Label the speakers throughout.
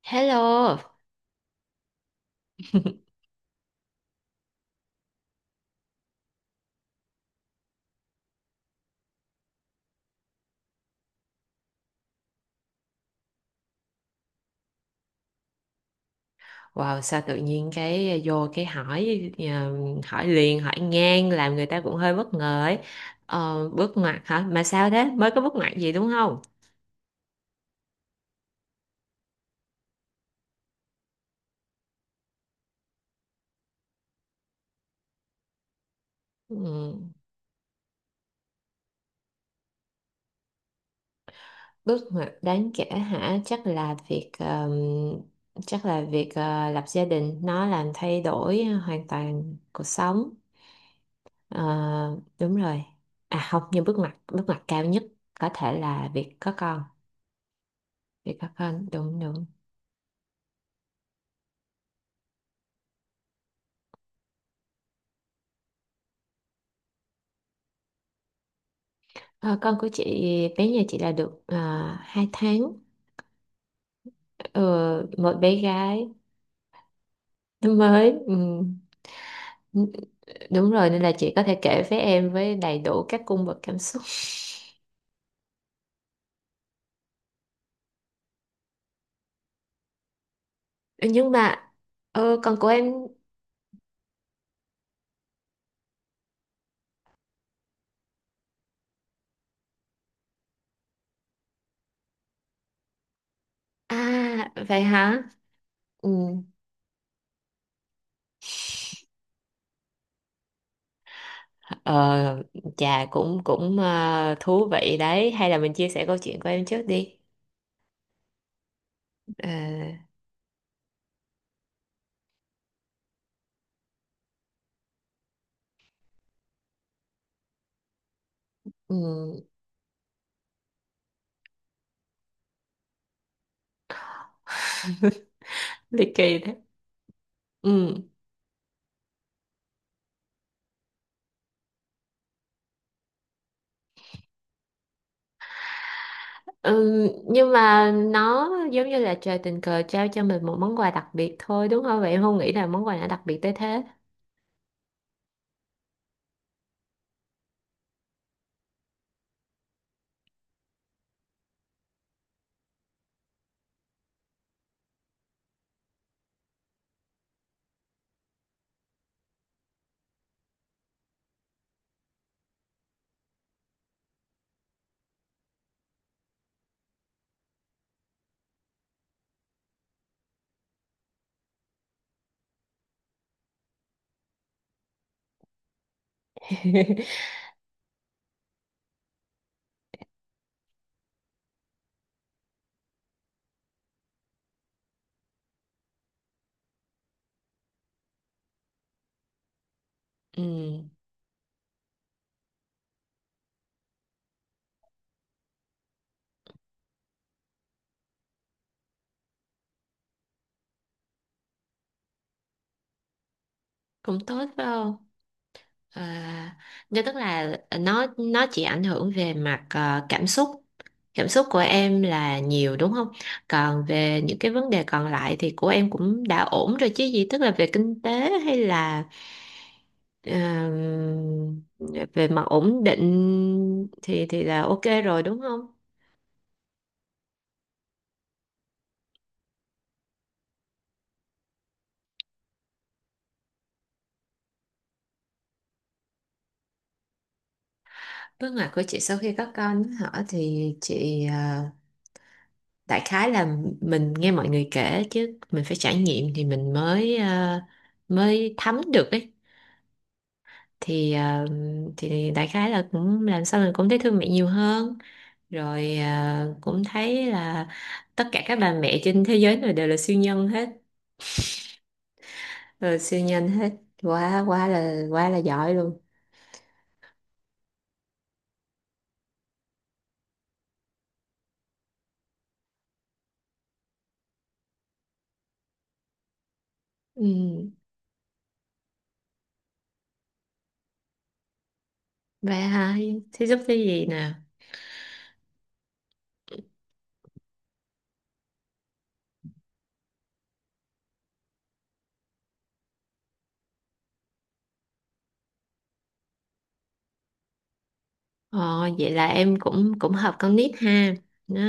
Speaker 1: Hello. Wow, sao tự nhiên cái vô cái hỏi hỏi liền hỏi ngang làm người ta cũng hơi bất ngờ ấy. Ờ, bước ngoặt hả? Mà sao thế? Mới có bước ngoặt gì đúng không? Ừ, bước ngoặt đáng kể hả? Chắc là việc lập gia đình nó làm thay đổi hoàn toàn cuộc sống. Ờ, đúng rồi. À không, nhưng bước ngoặt cao nhất có thể là việc có con. Việc có con đúng đúng. Ờ, con của chị bé nhà chị là được 2 tháng. Ờ, một bé gái nó mới. Ừm. Đúng rồi, nên là chị có thể kể với em với đầy đủ các cung bậc cảm xúc. Ừ, nhưng mà con của em. À vậy hả? Ừ. Ờ, chà cũng cũng thú vị đấy, hay là mình chia sẻ câu chuyện của em trước đi. Ờ, ừ, ly kỳ đấy. Ừ. Ừ, nhưng mà nó giống như là trời tình cờ trao cho mình một món quà đặc biệt thôi đúng không? Vậy em không nghĩ là món quà nào đặc biệt tới thế. Ừ, cũng tốt phải không? À, nhưng tức là nó chỉ ảnh hưởng về mặt cảm xúc. Cảm xúc của em là nhiều đúng không? Còn về những cái vấn đề còn lại thì của em cũng đã ổn rồi chứ gì, tức là về kinh tế hay là ờ, về mặt ổn định thì là ok rồi đúng không? Bước ngoặt của chị sau khi có con hả? Thì chị, đại khái là mình nghe mọi người kể chứ mình phải trải nghiệm thì mình mới, mới thấm được ấy. thì à, thì đại khái là cũng làm sao mình cũng thấy thương mẹ nhiều hơn. Rồi cũng thấy là tất cả các bà mẹ trên thế giới này đều là siêu nhân hết. Ờ, siêu nhân hết, quá quá là giỏi luôn. Ừ. Vậy hả? Thế giúp cái gì nè? Ờ, vậy là em cũng cũng hợp con nít ha. Nó,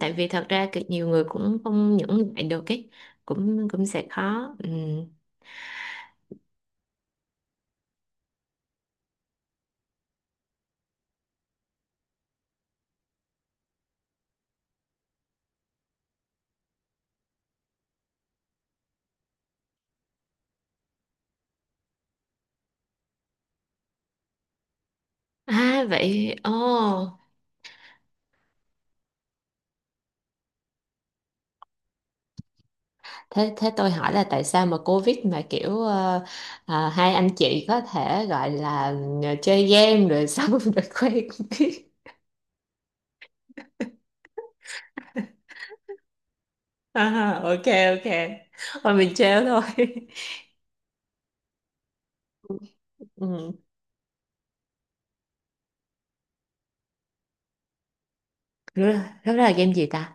Speaker 1: Tại vì thật ra cực nhiều người cũng không những lại được ấy, cũng cũng sẽ khó. Ừ. À vậy ồ, thế thế tôi hỏi là tại sao mà Covid mà kiểu, hai anh chị có thể gọi là, chơi game rồi xong rồi quen biết. À, ok ok. Thôi mình trêu thôi. Ừ. Lúc đó lúc đó là game gì ta?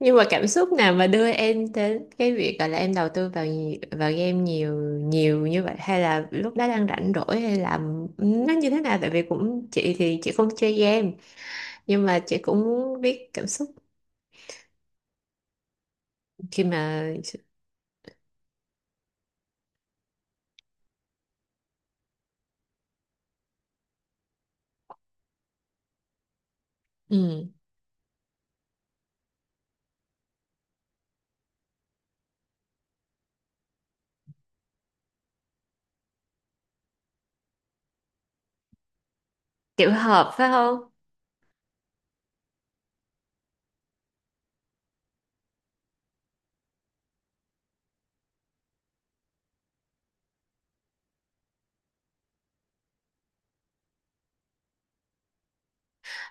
Speaker 1: Nhưng mà cảm xúc nào mà đưa em đến cái việc gọi là em đầu tư vào vào game nhiều nhiều như vậy, hay là lúc đó đang rảnh rỗi, hay là nó như thế nào? Tại vì cũng chị thì chị không chơi game, nhưng mà chị cũng biết cảm xúc khi mà... Ừ, kiểu hợp phải không?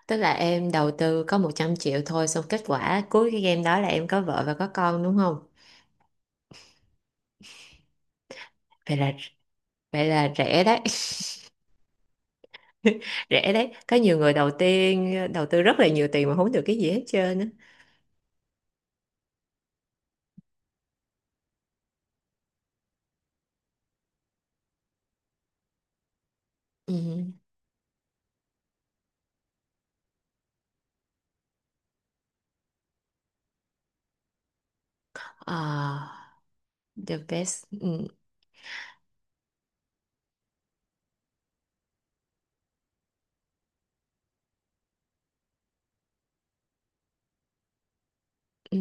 Speaker 1: Tức là em đầu tư có 100 triệu thôi, xong kết quả cuối cái game đó là em có vợ và có con đúng không? Vậy là vậy là rẻ đấy. Rẻ đấy, có nhiều người đầu tiên đầu tư rất là nhiều tiền mà không được cái gì hết trơn á. Ừ. À, the best. Ừ, ừ.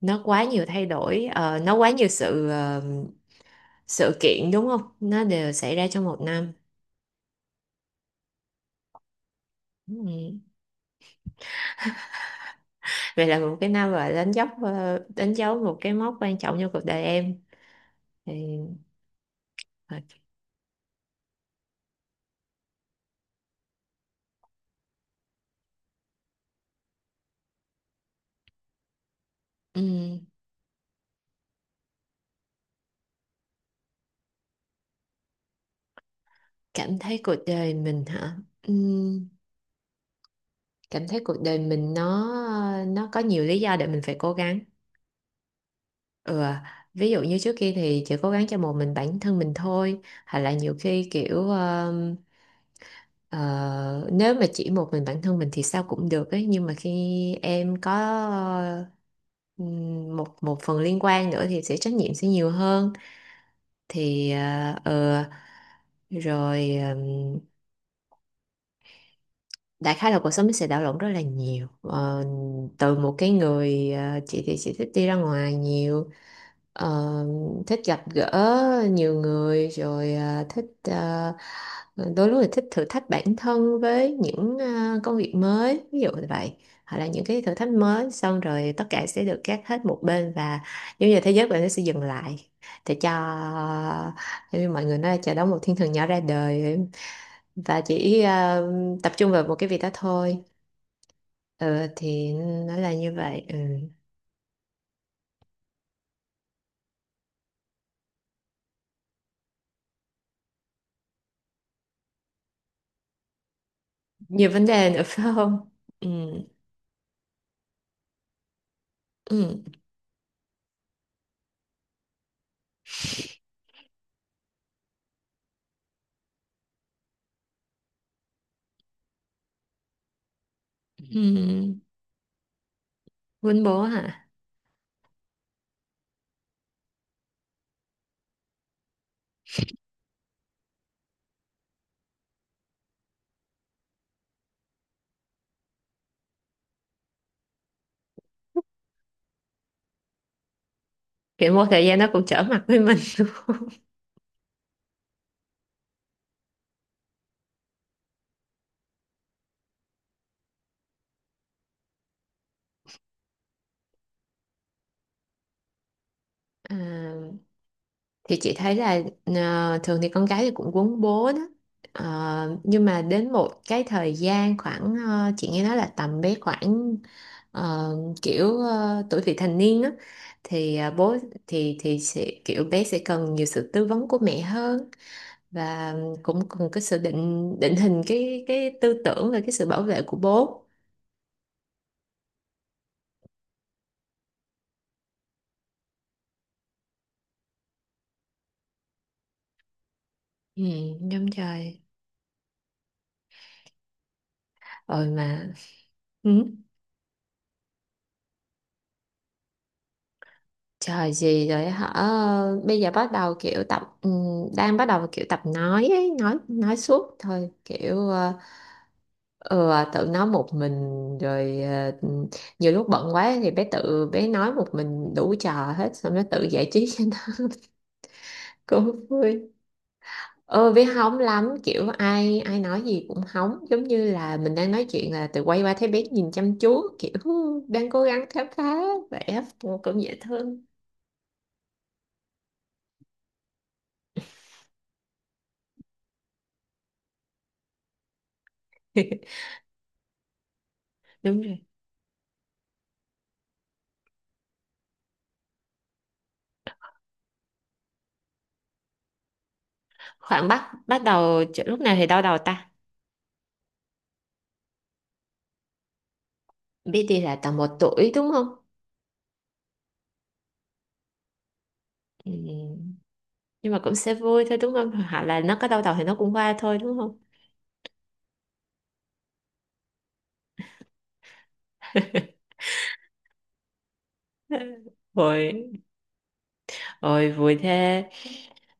Speaker 1: Nó quá nhiều thay đổi, nó quá nhiều sự kiện đúng không, nó đều xảy ra trong một năm. Ừ. Vậy là một cái năm và đánh dấu một cái mốc quan trọng trong cuộc đời em thì, ờ, ừ. Cảm thấy cuộc đời mình hả? Ừ. Cảm thấy cuộc đời mình nó có nhiều lý do để mình phải cố gắng. Ừ. Ví dụ như trước kia thì chỉ cố gắng cho một mình bản thân mình thôi, hoặc là nhiều khi kiểu... Ờ, nếu mà chỉ một mình bản thân mình thì sao cũng được ấy, nhưng mà khi em có, một một phần liên quan nữa thì sẽ trách nhiệm sẽ nhiều hơn, thì rồi đại khái là cuộc sống nó sẽ đảo lộn rất là nhiều. Ờ, Từ một cái người, chị thì chị thích đi ra ngoài nhiều, ờ, thích gặp gỡ nhiều người, rồi thích, đôi lúc thì thích thử thách bản thân với những công việc mới, ví dụ như vậy. Hoặc là những cái thử thách mới, xong rồi tất cả sẽ được gác hết một bên, và giống như là thế giới của em nó sẽ dừng lại để cho, giống như mọi người nói là chờ đón một thiên thần nhỏ ra đời, và chỉ tập trung vào một cái việc đó thôi. Ừ, thì nó là như vậy. Ừ. Nhiều vấn đề nữa phải không? Ừ. Ừ. Ừ. Quýnh bố hả? Kiểu một thời gian nó cũng trở mặt với mình luôn. À, thì chị thấy là, thường thì con gái thì cũng quấn bố đó. Ờ, nhưng mà đến một cái thời gian khoảng, chị nghe nói là tầm bé khoảng, ờ, kiểu tuổi vị thành niên á. Thì bố thì sẽ kiểu bé sẽ cần nhiều sự tư vấn của mẹ hơn, và cũng cần cái sự định định hình cái tư tưởng và cái sự bảo vệ của bố. Ừ, đúng rồi rồi mà. Ừ. Trời gì rồi hả? Ờ, bây giờ bắt đầu kiểu tập đang bắt đầu kiểu tập nói ấy, nói suốt thôi, kiểu tự nói một mình. Rồi nhiều lúc bận quá thì bé tự bé nói một mình đủ trò hết, xong nó tự giải trí cho nó. Cũng vui. Ừ, bé hóng lắm, kiểu ai ai nói gì cũng hóng, giống như là mình đang nói chuyện là tự quay qua thấy bé nhìn chăm chú, kiểu "Hú, đang cố gắng khám phá vẻ", cũng cũng dễ thương. Đúng. Khoảng bắt bắt đầu lúc nào thì đau đầu ta? Biết là tầm một tuổi đúng không? Ừ. Nhưng mà cũng sẽ vui thôi đúng không? Hoặc là nó có đau đầu thì nó cũng qua thôi đúng không? Ôi ôi vui thế.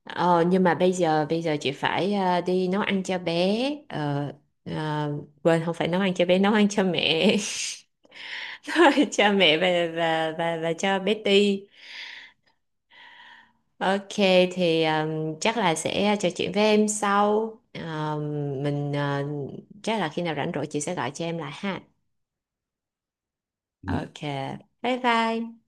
Speaker 1: Nhưng mà bây giờ chị phải, đi nấu ăn cho bé, ờ, ờ, quên không phải nấu ăn cho bé, nấu ăn cho mẹ. Nấu ăn cho mẹ và, và cho bé Ti. Ok, thì chắc là sẽ trò chuyện với em sau. Mình, chắc là khi nào rảnh rỗi chị sẽ gọi cho em lại ha. Ừ. Ok. Bye bye.